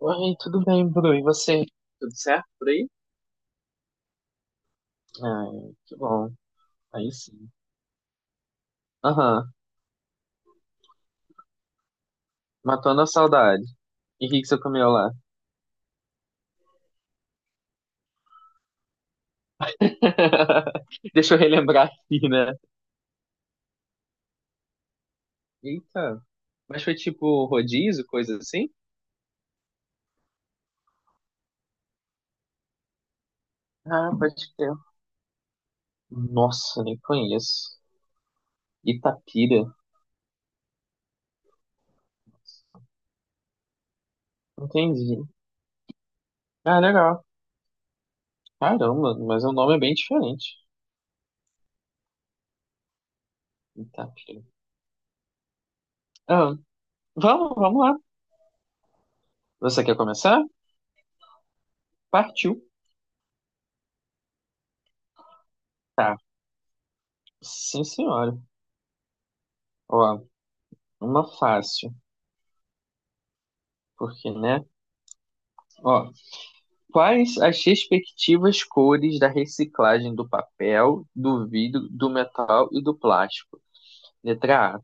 Oi, tudo bem, Bru? E você? Tudo certo por aí? Ai, que bom. Aí sim. Aham, matando a saudade. E o que que você comeu lá? Deixa eu relembrar aqui, né? Eita, mas foi tipo rodízio, coisa assim? Ah, pode crer. Nossa, nem conheço. Itapira. Entendi. Ah, legal. Caramba, mas o nome é bem diferente. Itapira. Ah, vamos lá. Você quer começar? Partiu. Tá. Sim, senhora. Ó, uma fácil, porque, né? Ó, quais as respectivas cores da reciclagem do papel, do vidro, do metal e do plástico? Letra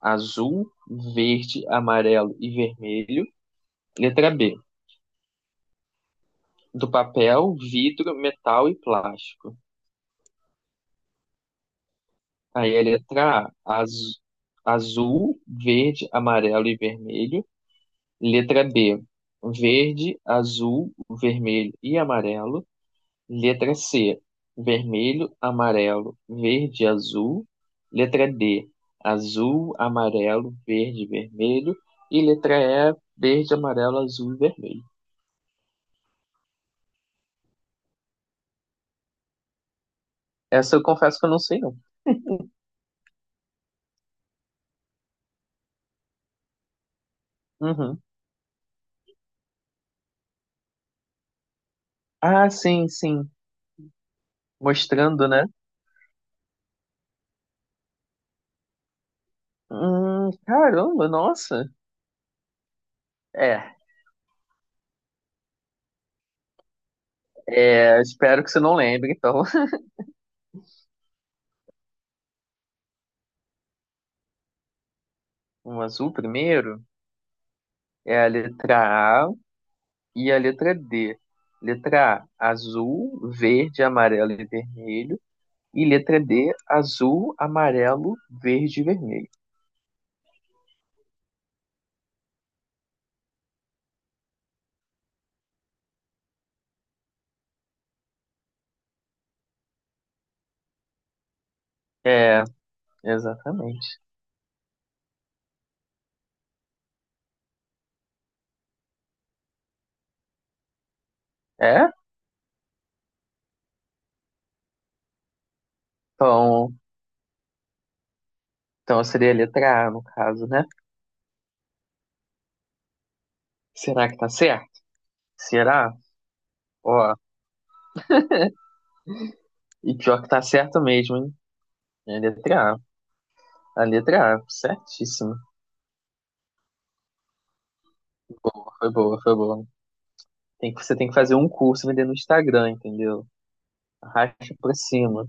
A, azul, verde, amarelo e vermelho. Letra B, do papel, vidro, metal e plástico. Aí a letra A, azul, verde, amarelo e vermelho. Letra B, verde, azul, vermelho e amarelo. Letra C, vermelho, amarelo, verde, azul. Letra D, azul, amarelo, verde, e vermelho. E letra E, verde, amarelo, azul e vermelho. Essa eu confesso que eu não sei, não. Uhum. Ah, sim. Mostrando, né? Caramba, nossa. É, espero que você não lembre, então. O azul primeiro é a letra A e a letra D. Letra A, azul, verde, amarelo e vermelho. E letra D, azul, amarelo, verde e vermelho. É, exatamente. É? Então, então seria a letra A, no caso, né? Será que tá certo? Será? Ó, e pior que tá certo mesmo, hein? É a letra A. A letra A, certíssimo. Foi boa, foi boa. Você tem que fazer um curso e vender no Instagram, entendeu? Arrasta pra cima.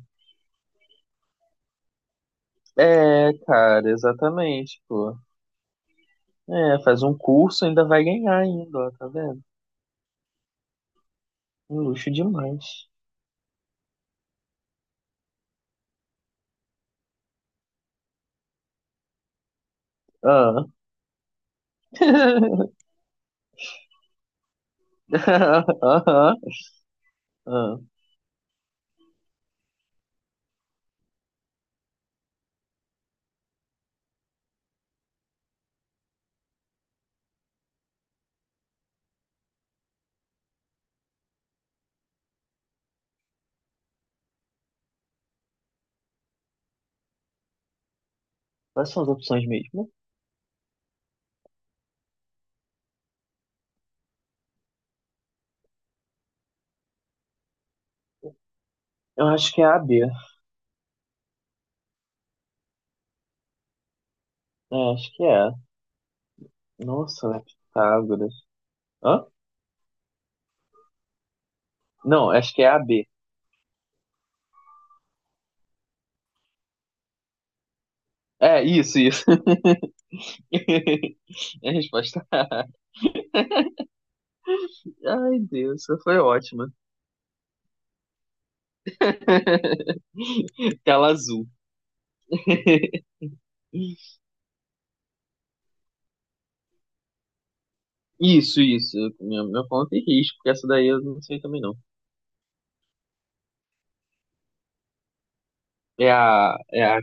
É, cara, exatamente, pô. É, faz um curso ainda vai ganhar ainda, ó, tá vendo? Um luxo demais. Ah, aham. Quais são as opções mesmo? Eu acho que é a B. É, acho que é. Nossa, é Pitágoras. Hã? Não, acho que é a B. Isso. É a resposta. Ai, Deus, essa foi ótima. Tela azul. Isso. Meu ponto e risco, porque essa daí eu não sei também não. É a. É a.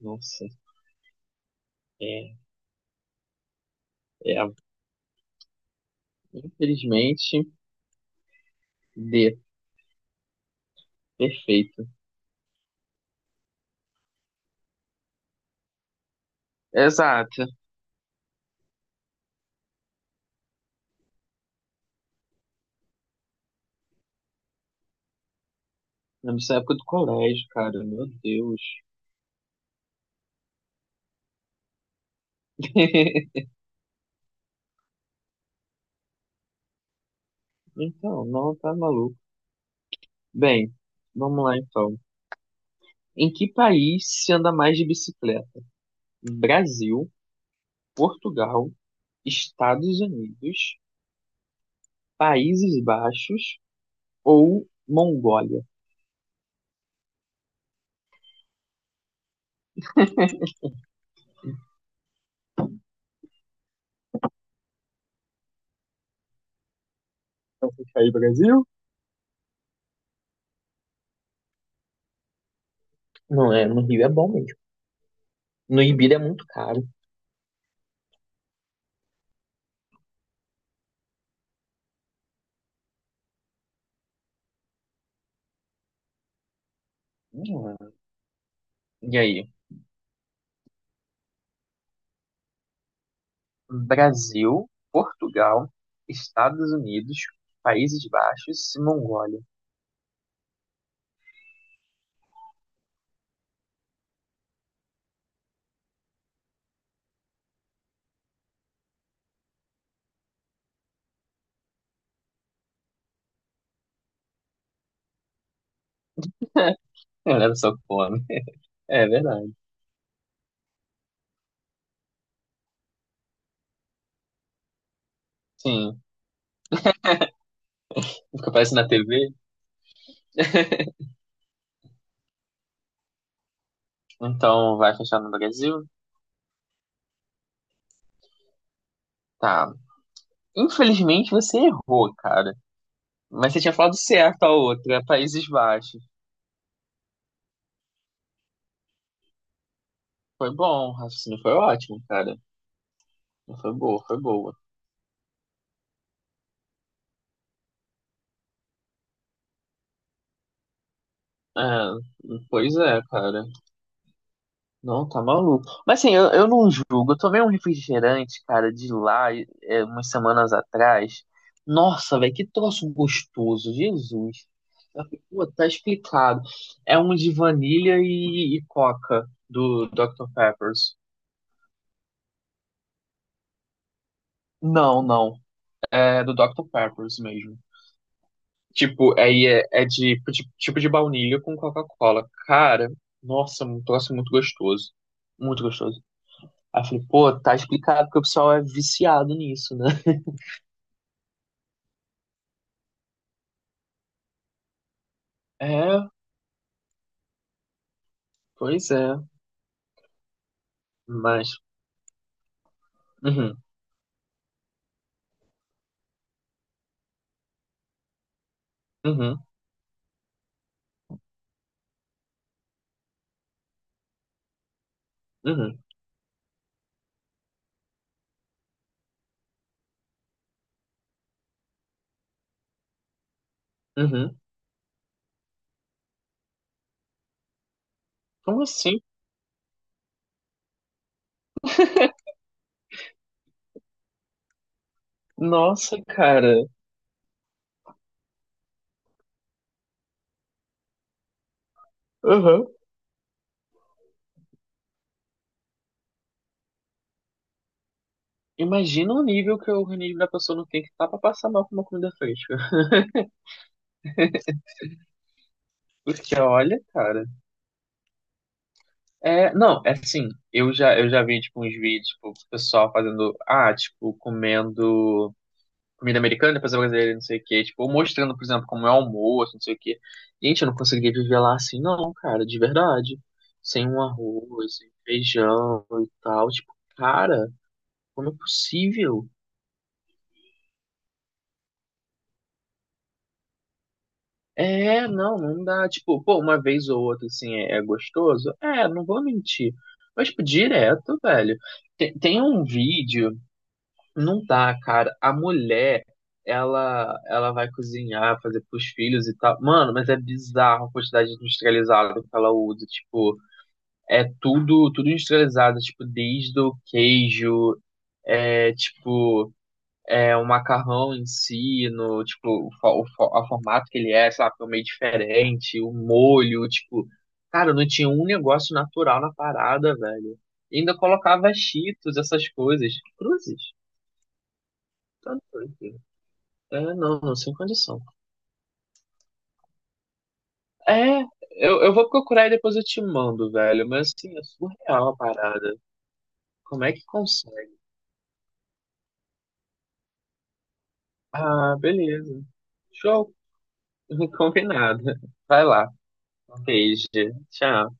Nossa. É, é a. Infelizmente, D. Perfeito. Exato. É, nessa época do colégio, cara, meu Deus. Então, não, tá maluco. Bem, vamos lá então. Em que país se anda mais de bicicleta? Brasil, Portugal, Estados Unidos, Países Baixos ou Mongólia? Fica aí, Brasil? Não é, no Rio é bom mesmo. No Ibira é muito caro. Hum. E aí? Brasil, Portugal, Estados Unidos, Países Baixos e Mongólia. Olha só que fome. É verdade. Sim, fica aparecendo na TV, então vai fechar no Brasil. Tá. Infelizmente você errou, cara. Mas você tinha falado certo a outra, Países Baixos. Foi bom, o raciocínio foi ótimo, cara. Foi boa, foi boa. É, pois é, cara. Não, tá maluco. Mas assim, eu não julgo. Eu tomei um refrigerante, cara, de lá, é, umas semanas atrás. Nossa, velho, que troço gostoso, Jesus. Eu falei, pô, tá explicado. É um de vanilha e coca do Dr. Peppers. Não, não. É do Dr. Peppers mesmo. Tipo, aí tipo de baunilha com Coca-Cola. Cara, nossa, um troço muito gostoso. Muito gostoso. Aí eu falei, pô, tá explicado porque o pessoal é viciado nisso, né? É, pois é. Mas. Uhum, uhum, uhum, uhum. Como assim? Nossa, cara. Uhum. Imagina o nível que o organismo da pessoa não tem que estar pra passar mal com uma comida fresca. Porque olha, cara. É, não, é assim, eu já vi, tipo, uns vídeos, tipo, o pessoal fazendo, ah, tipo, comendo comida americana, depois a brasileira, não sei o quê. Tipo, ou mostrando, por exemplo, como é o almoço, não sei o quê. Gente, eu não conseguia viver lá assim, não, cara, de verdade. Sem um arroz, sem feijão e tal. Tipo, cara, como é possível? É, não, não dá. Tipo, pô, uma vez ou outra, assim, é, é gostoso? É, não vou mentir. Mas, tipo, direto, velho. Tem um vídeo. Não tá, cara. A mulher, ela vai cozinhar, fazer pros filhos e tal. Mano, mas é bizarro a quantidade de industrializado que ela usa. Tipo, é tudo industrializado. Tipo, desde o queijo, é tipo, é o macarrão em si, no, tipo, o formato que ele é, sabe? É meio diferente, o molho, tipo. Cara, não tinha um negócio natural na parada, velho. E ainda colocava cheetos, essas coisas. Cruzes. Tá doido. É, não, não, sem condição. É, eu vou procurar e depois eu te mando, velho. Mas assim, é surreal a parada. Como é que consegue? Ah, beleza. Show. Combinado. Vai lá. Um beijo. Tchau.